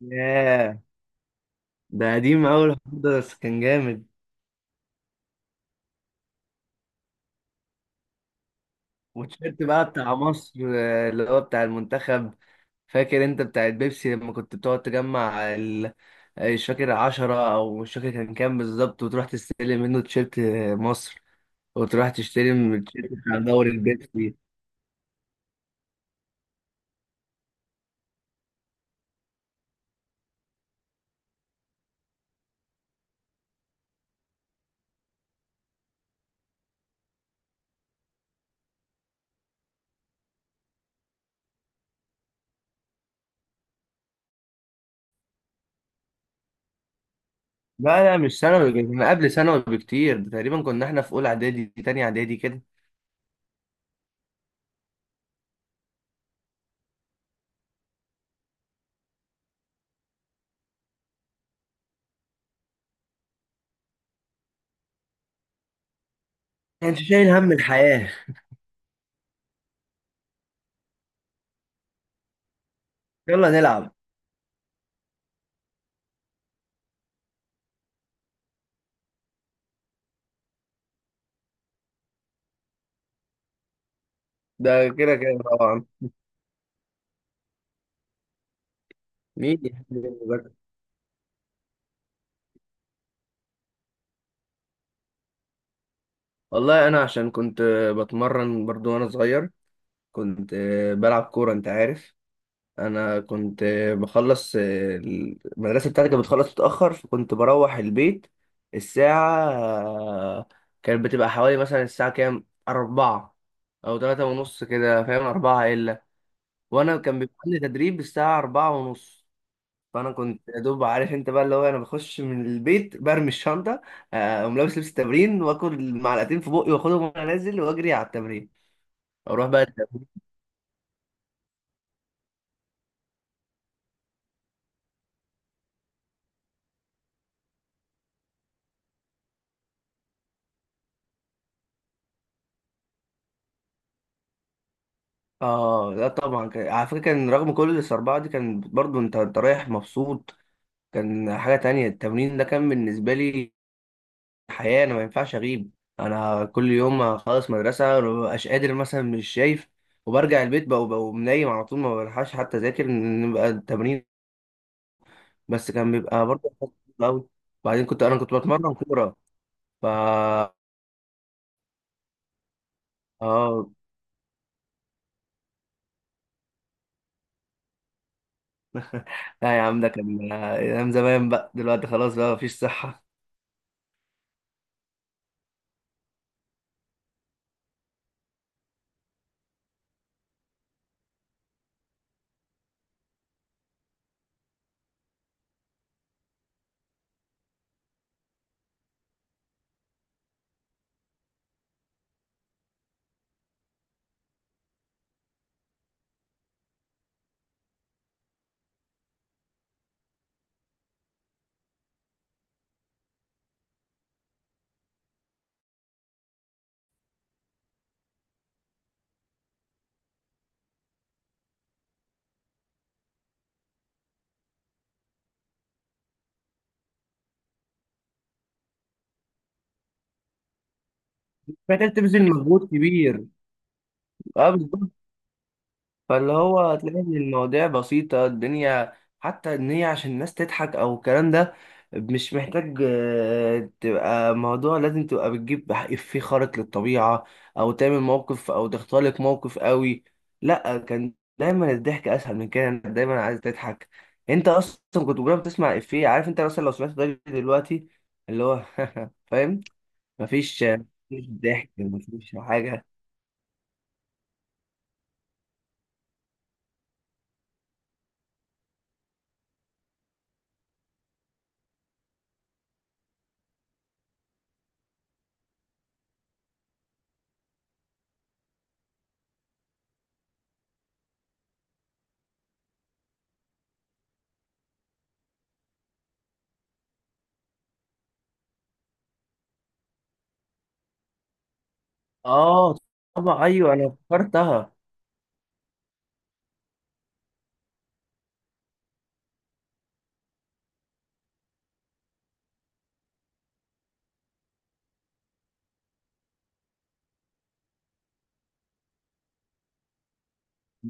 ياه، ده قديم أوي الحوار ده، بس كان جامد. والتيشيرت بقى بتاع مصر، آه، اللي هو بتاع المنتخب. فاكر انت بتاع البيبسي لما كنت بتقعد تجمع ال... آه، مش فاكر 10 أو مش فاكر كان كام بالظبط، وتروح تستلم منه تيشيرت، آه، مصر. وتروح تشتري من التيشيرت بتاع دوري البيبسي. لا لا، مش ثانوي، كان قبل ثانوي بكتير، ده تقريبا كنا احنا في أولى إعدادي تانية إعدادي كده. كانش شايل هم الحياة. يلا نلعب. ده كده كده طبعا. مين يحب المذاكرة؟ والله انا عشان كنت بتمرن برضو وانا صغير، كنت بلعب كوره، انت عارف. انا كنت بخلص المدرسه بتاعتي، كانت بتخلص متاخر، فكنت بروح البيت الساعه، كانت بتبقى حوالي مثلا الساعه كام، 4 أو 3:30 كده، فاهم، أربعة إلا. وأنا كان بيبقى عندي تدريب الساعة 4:30. فانا كنت يا دوب، عارف انت بقى، اللي هو انا بخش من البيت برمي الشنطه، آه، اقوم لابس لبس التمرين واكل معلقتين في بقي واخدهم وانا نازل واجري على التمرين. اروح بقى التمرين. اه لا طبعا، على فكره كان رغم كل الصربعه دي كان برضو انت رايح مبسوط. كان حاجه تانية التمرين ده، كان بالنسبه لي حياه، انا ما ينفعش اغيب. انا كل يوم اخلص مدرسه ما ببقاش قادر مثلا مش شايف، وبرجع البيت بقى وبقى نايم على طول، ما بلحقش حتى اذاكر نبقى التمرين. بس كان بيبقى برضه قوي. بعدين انا كنت بتمرن كوره. ف اه لا يا عم، ده كان ايام زمان بقى، دلوقتي خلاص بقى مفيش صحه. محتاج تبذل مجهود كبير، اه. فاللي هو هتلاقي ان المواضيع بسيطة، الدنيا حتى ان هي عشان الناس تضحك او الكلام ده، مش محتاج، آه، تبقى موضوع لازم تبقى بتجيب إفيه خارق للطبيعة او تعمل موقف او تختلق موقف قوي. لا كان دايما الضحك اسهل من كده، إنت دايما عايز تضحك. انت اصلا كنت بجرب تسمع إفيه، عارف انت، مثلا لو سمعت ده دلوقتي اللي هو فاهم، مفيش مفيش ضحك، مفيش حاجة. اه طبعا ايوه انا فكرتها.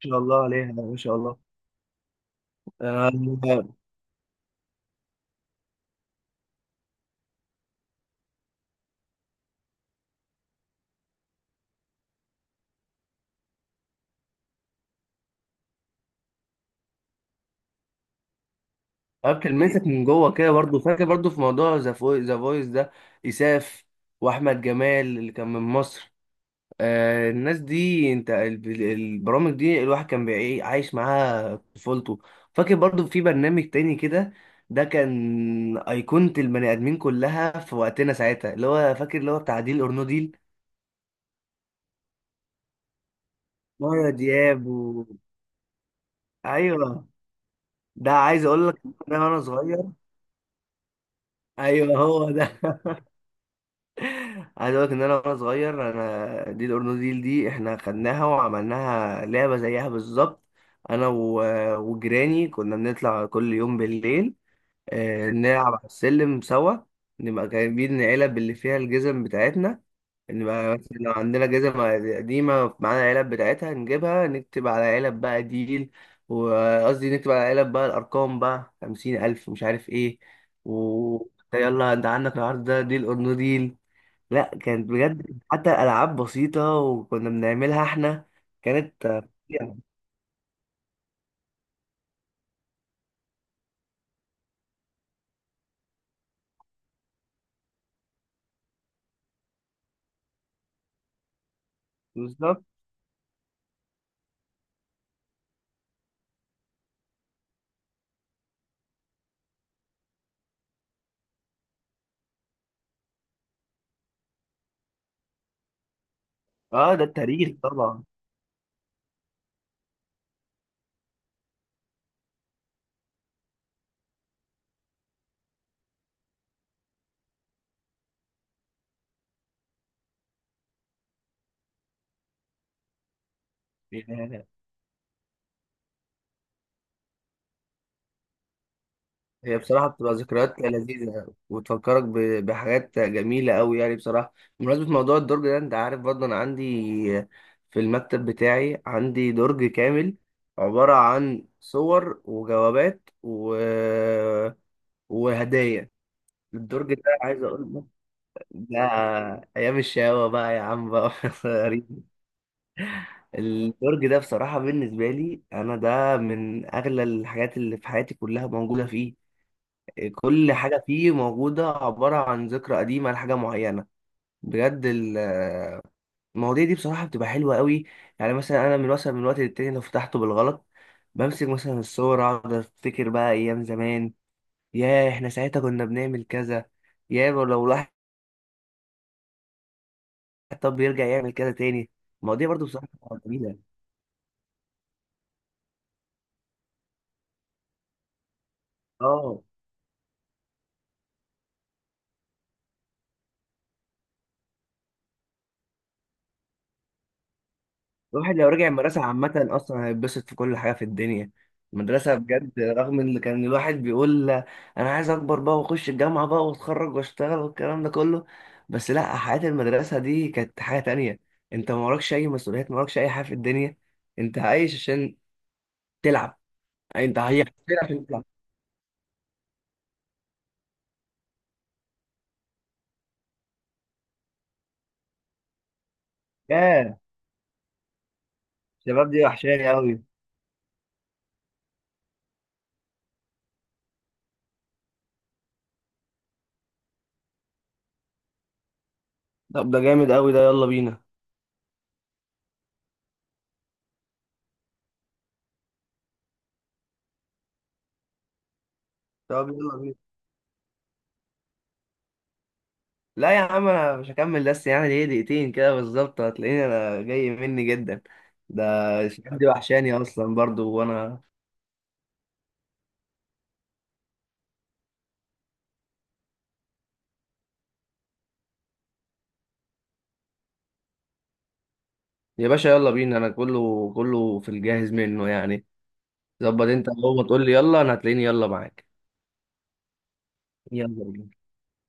شاء الله عليها، ما شاء الله. أنا أكلمتك من جوه كده، برضو فاكر برضو في موضوع ذا فويس ده، إساف وأحمد جمال اللي كان من مصر. آه، الناس دي، أنت، البرامج دي الواحد كان عايش معاها طفولته. فاكر برضو في برنامج تاني كده، ده كان أيقونة البني آدمين كلها في وقتنا ساعتها، اللي هو فاكر اللي هو بتاع ديل أور نو ديل. مايا دياب و... أيوه، ده عايز أقول لك، ده وأنا صغير، أيوه هو ده. عايز اقول لك ان انا وانا صغير انا، دي الاورنوديل دي احنا خدناها وعملناها لعبه زيها بالظبط. انا وجيراني كنا بنطلع كل يوم بالليل، آه، نلعب على السلم سوا. نبقى جايبين علب اللي فيها الجزم بتاعتنا، نبقى مثلا لو عندنا جزم قديمه معانا علب بتاعتها نجيبها، نكتب على علب بقى ديل، وقصدي نكتب على علب بقى الارقام بقى 50,000 مش عارف ايه. و يلا انت عندك العرض ده ديل اورنوديل. لا كانت بجد حتى العاب بسيطه وكنا بنعملها احنا، كانت، آه، فظيعة. بالظبط، اه، ده التاريخ طبعا. يعني هي بصراحه بتبقى ذكريات لذيذه وتفكرك بحاجات جميله قوي، يعني بصراحه. بمناسبه موضوع الدرج ده، انت عارف برضه انا عندي في المكتب بتاعي عندي درج كامل عباره عن صور وجوابات و... وهدايا. الدرج ده عايز اقول لك، ده ايام الشقاوه بقى يا عم بقى. البرج ده بصراحة بالنسبة لي أنا، ده من أغلى الحاجات اللي في حياتي كلها موجودة فيه. كل حاجة فيه موجودة عبارة عن ذكرى قديمة لحاجة معينة، بجد. المواضيع دي بصراحة بتبقى حلوة قوي. يعني مثلا أنا مثلا من وقت للتاني لو فتحته بالغلط، بمسك مثلا الصور أقعد أفتكر بقى أيام زمان. ياه إحنا ساعتها كنا بنعمل كذا، ياه لو الواحد، طب يرجع يعمل كذا تاني. المواضيع برضو بصراحة جميلة. اه الواحد لو رجع المدرسة عامة أصلا هيتبسط في كل حاجة في الدنيا. المدرسة بجد، رغم إن كان الواحد بيقول أنا عايز أكبر بقى وأخش الجامعة بقى وأتخرج وأشتغل والكلام ده كله، بس لأ، حياة المدرسة دي كانت حاجة تانية. أنت ما وراكش أي مسؤوليات، ما وراكش أي حاجة في الدنيا، أنت عايش عشان تلعب. أنت عايش عشان تلعب. ياه، الشباب دي وحشاني أوي. طب ده جامد أوي ده، يلا بينا. طب يلا بينا. لا يا عم انا مش هكمل، بس يعني ايه دقيقتين كده بالظبط هتلاقيني انا جاي مني جدا. ده الشباب دي وحشاني اصلا برضو وانا. يا باشا يلا بينا، انا كله كله في الجاهز منه يعني. ظبط، انت اول ما تقول لي يلا انا هتلاقيني يلا معاك. يلا بينا.